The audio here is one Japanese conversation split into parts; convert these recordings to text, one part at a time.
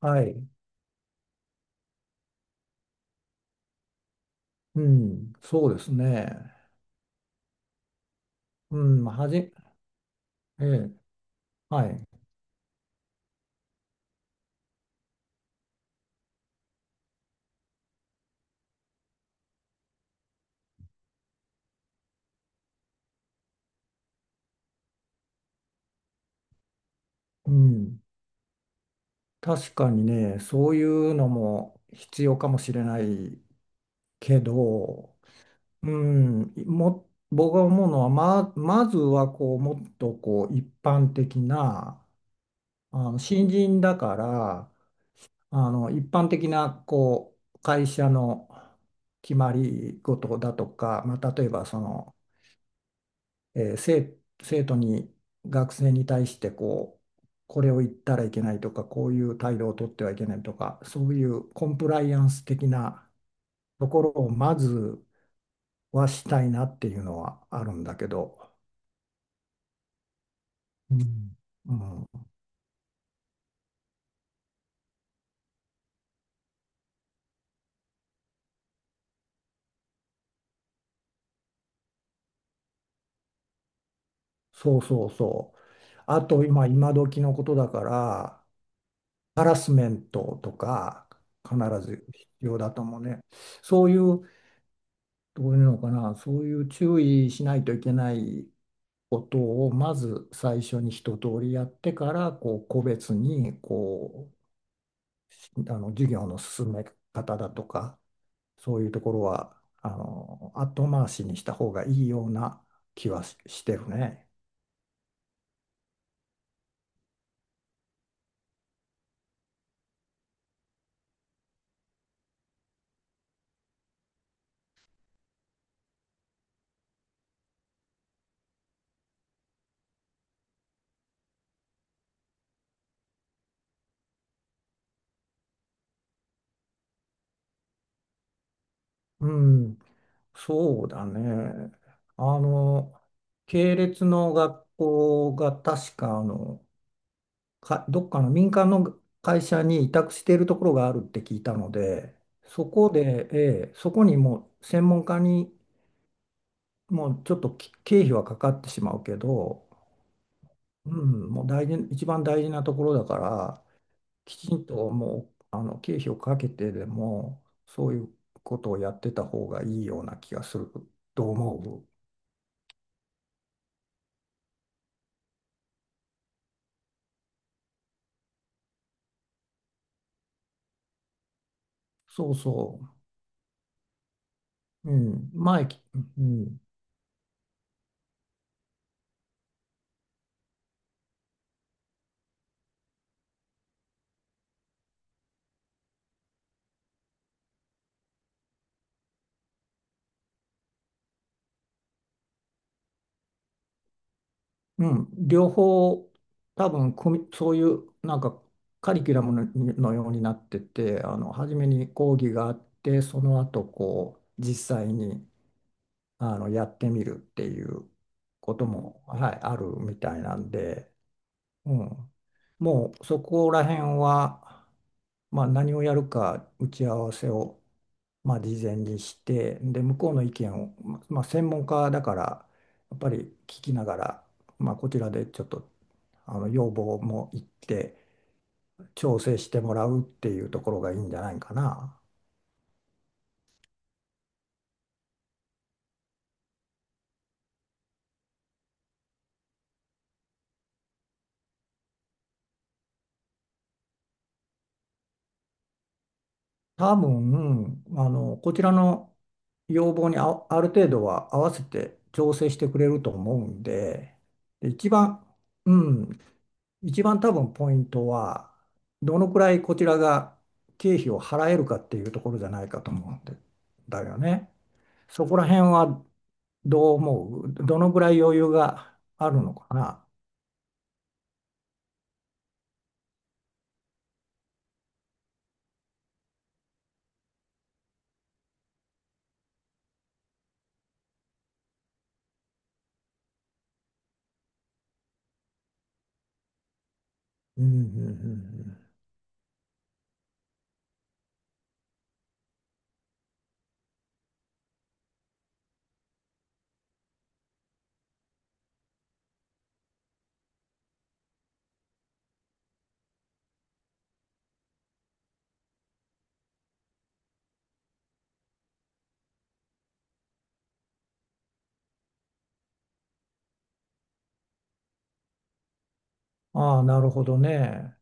はい。うん。そうですね。うん。ええ。はい。うん。確かにね、そういうのも必要かもしれないけど、うん。僕が思うのは、まずは、もっと、一般的な、新人だから、一般的な、会社の決まり事だとか、まあ、例えば、えー生、生徒に学生に対して、これを言ったらいけないとか、こういう態度をとってはいけないとか、そういうコンプライアンス的なところをまずはしたいなっていうのはあるんだけど、うん。うん、そうそうそう、あと今時のことだから、ハラスメントとか必ず必要だと思うね。そういう、どういうのかな、そういう注意しないといけないことをまず最初に一通りやってから、個別に、授業の進め方だとか、そういうところは後回しにした方がいいような気はしてるね。うん、そうだね。あの系列の学校が確かどっかの民間の会社に委託しているところがあるって聞いたので。そこで、そこにもう専門家に、もうちょっと経費はかかってしまうけど、うん、もう大事、一番大事なところだから、きちんと、もう経費をかけてでも、そういうことをやってた方がいいような気がすると思う。そうそう。うん、前、うん、うん、両方、多分、そういうなんかカリキュラムの、ようになってて、初めに講義があって、その後、実際に。やってみるっていうことも、はい、あるみたいなんで、うん。もうそこら辺は、まあ、何をやるか打ち合わせを、まあ、事前にして、で、向こうの意見を、まあ、専門家だから、やっぱり聞きながら、まあ、こちらでちょっと、要望も言って、調整してもらうっていうところがいいんじゃないかな。多分、こちらの要望に、ある程度は合わせて調整してくれると思うんで、でうん、一番多分ポイントは、どのくらいこちらが経費を払えるかっていうところじゃないかと思うんで、だよね。そこら辺はどう思う？どのくらい余裕があるのかな。うん、うん、うん、うん。ああ、なるほどね。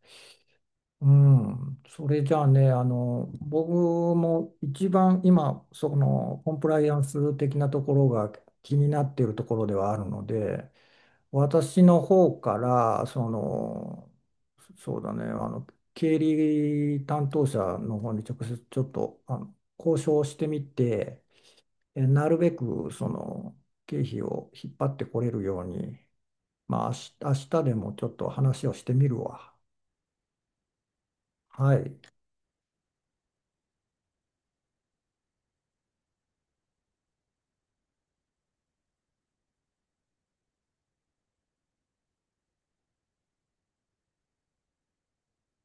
うん、それじゃあね、僕も一番今、そのコンプライアンス的なところが気になっているところではあるので、私の方から、そうだね、経理担当者の方に直接ちょっと、交渉してみて、なるべくその経費を引っ張ってこれるように、まあ、明日でもちょっと話をしてみるわ。はい。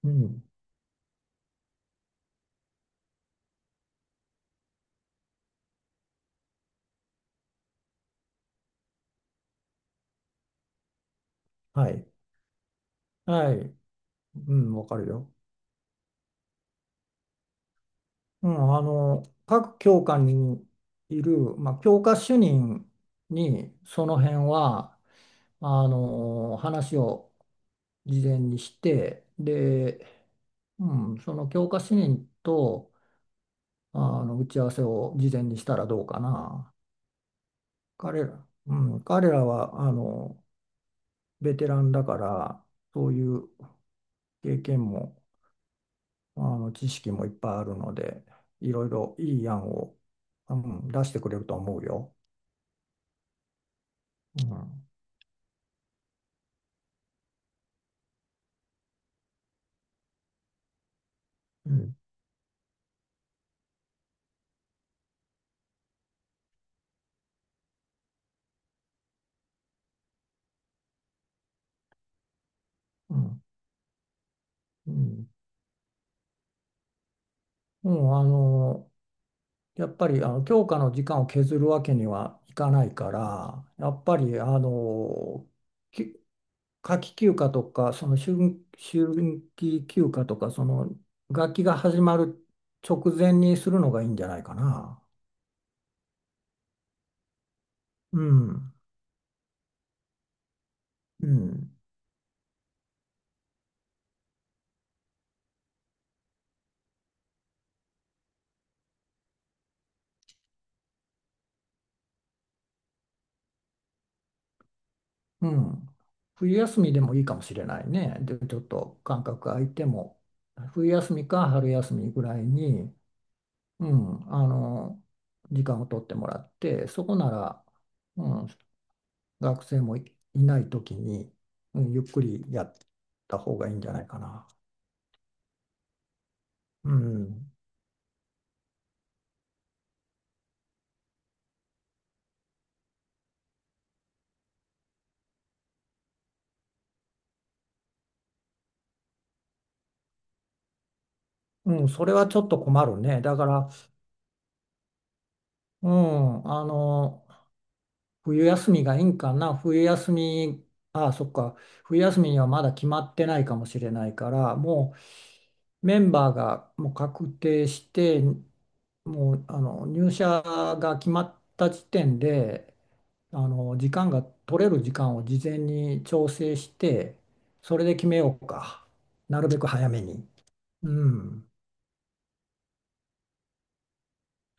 うん。はい。はい。うん、わかるよ。うん、各教科にいる、まあ、教科主任に、その辺は、話を事前にして、で、うん、その教科主任と、打ち合わせを事前にしたらどうかな。彼らは、ベテランだから、そういう経験も知識もいっぱいあるので、いろいろいい案を、うん、出してくれると思うよ。うん。うん。うん。うん、うん、やっぱり教科の時間を削るわけにはいかないから、やっぱり、き夏季休暇とか、その春季休暇とか、その学期が始まる直前にするのがいいんじゃないかな。うん。うん。うん。冬休みでもいいかもしれないね。で、ちょっと間隔空いても、冬休みか春休みぐらいに、うん、あの、時間を取ってもらって、そこなら、うん、学生もいない時に、うん、ゆっくりやった方がいいんじゃないかな。うん。うん、それはちょっと困るね。だから、うん、あの、冬休みがいいんかな。冬休み、ああ、そっか。冬休みにはまだ決まってないかもしれないから、もう、メンバーがもう確定して、もう入社が決まった時点で、時間が取れる時間を事前に調整して、それで決めようか、なるべく早めに。うん、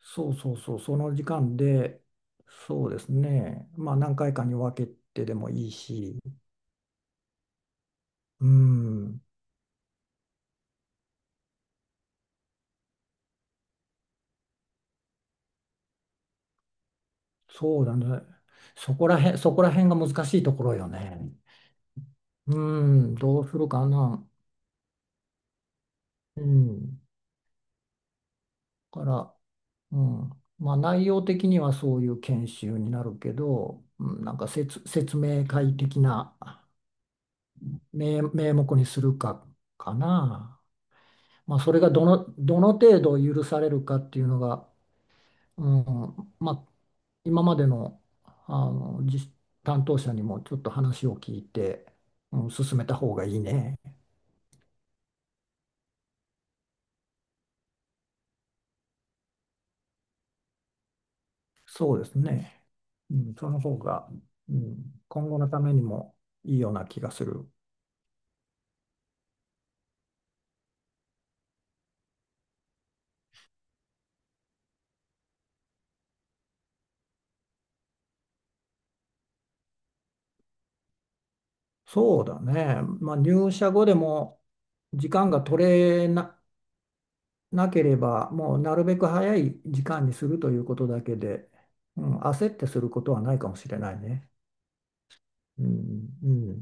そうそうそう、その時間で、そうですね、まあ何回かに分けてでもいいし、うん、そうだね、そこら辺が難しいところよね。うん、どうするかな。うん、から、うん、まあ内容的にはそういう研修になるけど、うん、なんか説明会的な名目にするかな。まあそれがどの程度許されるかっていうのが、うん、まあ今までの、実担当者にもちょっと話を聞いて、うん、進めた方がいいね。そうですね。うん、その方が、うん、今後のためにもいいような気がする。そうだね。まあ、入社後でも時間が取れな、なければ、もうなるべく早い時間にするということだけで、うん、焦ってすることはないかもしれないね。うん、うん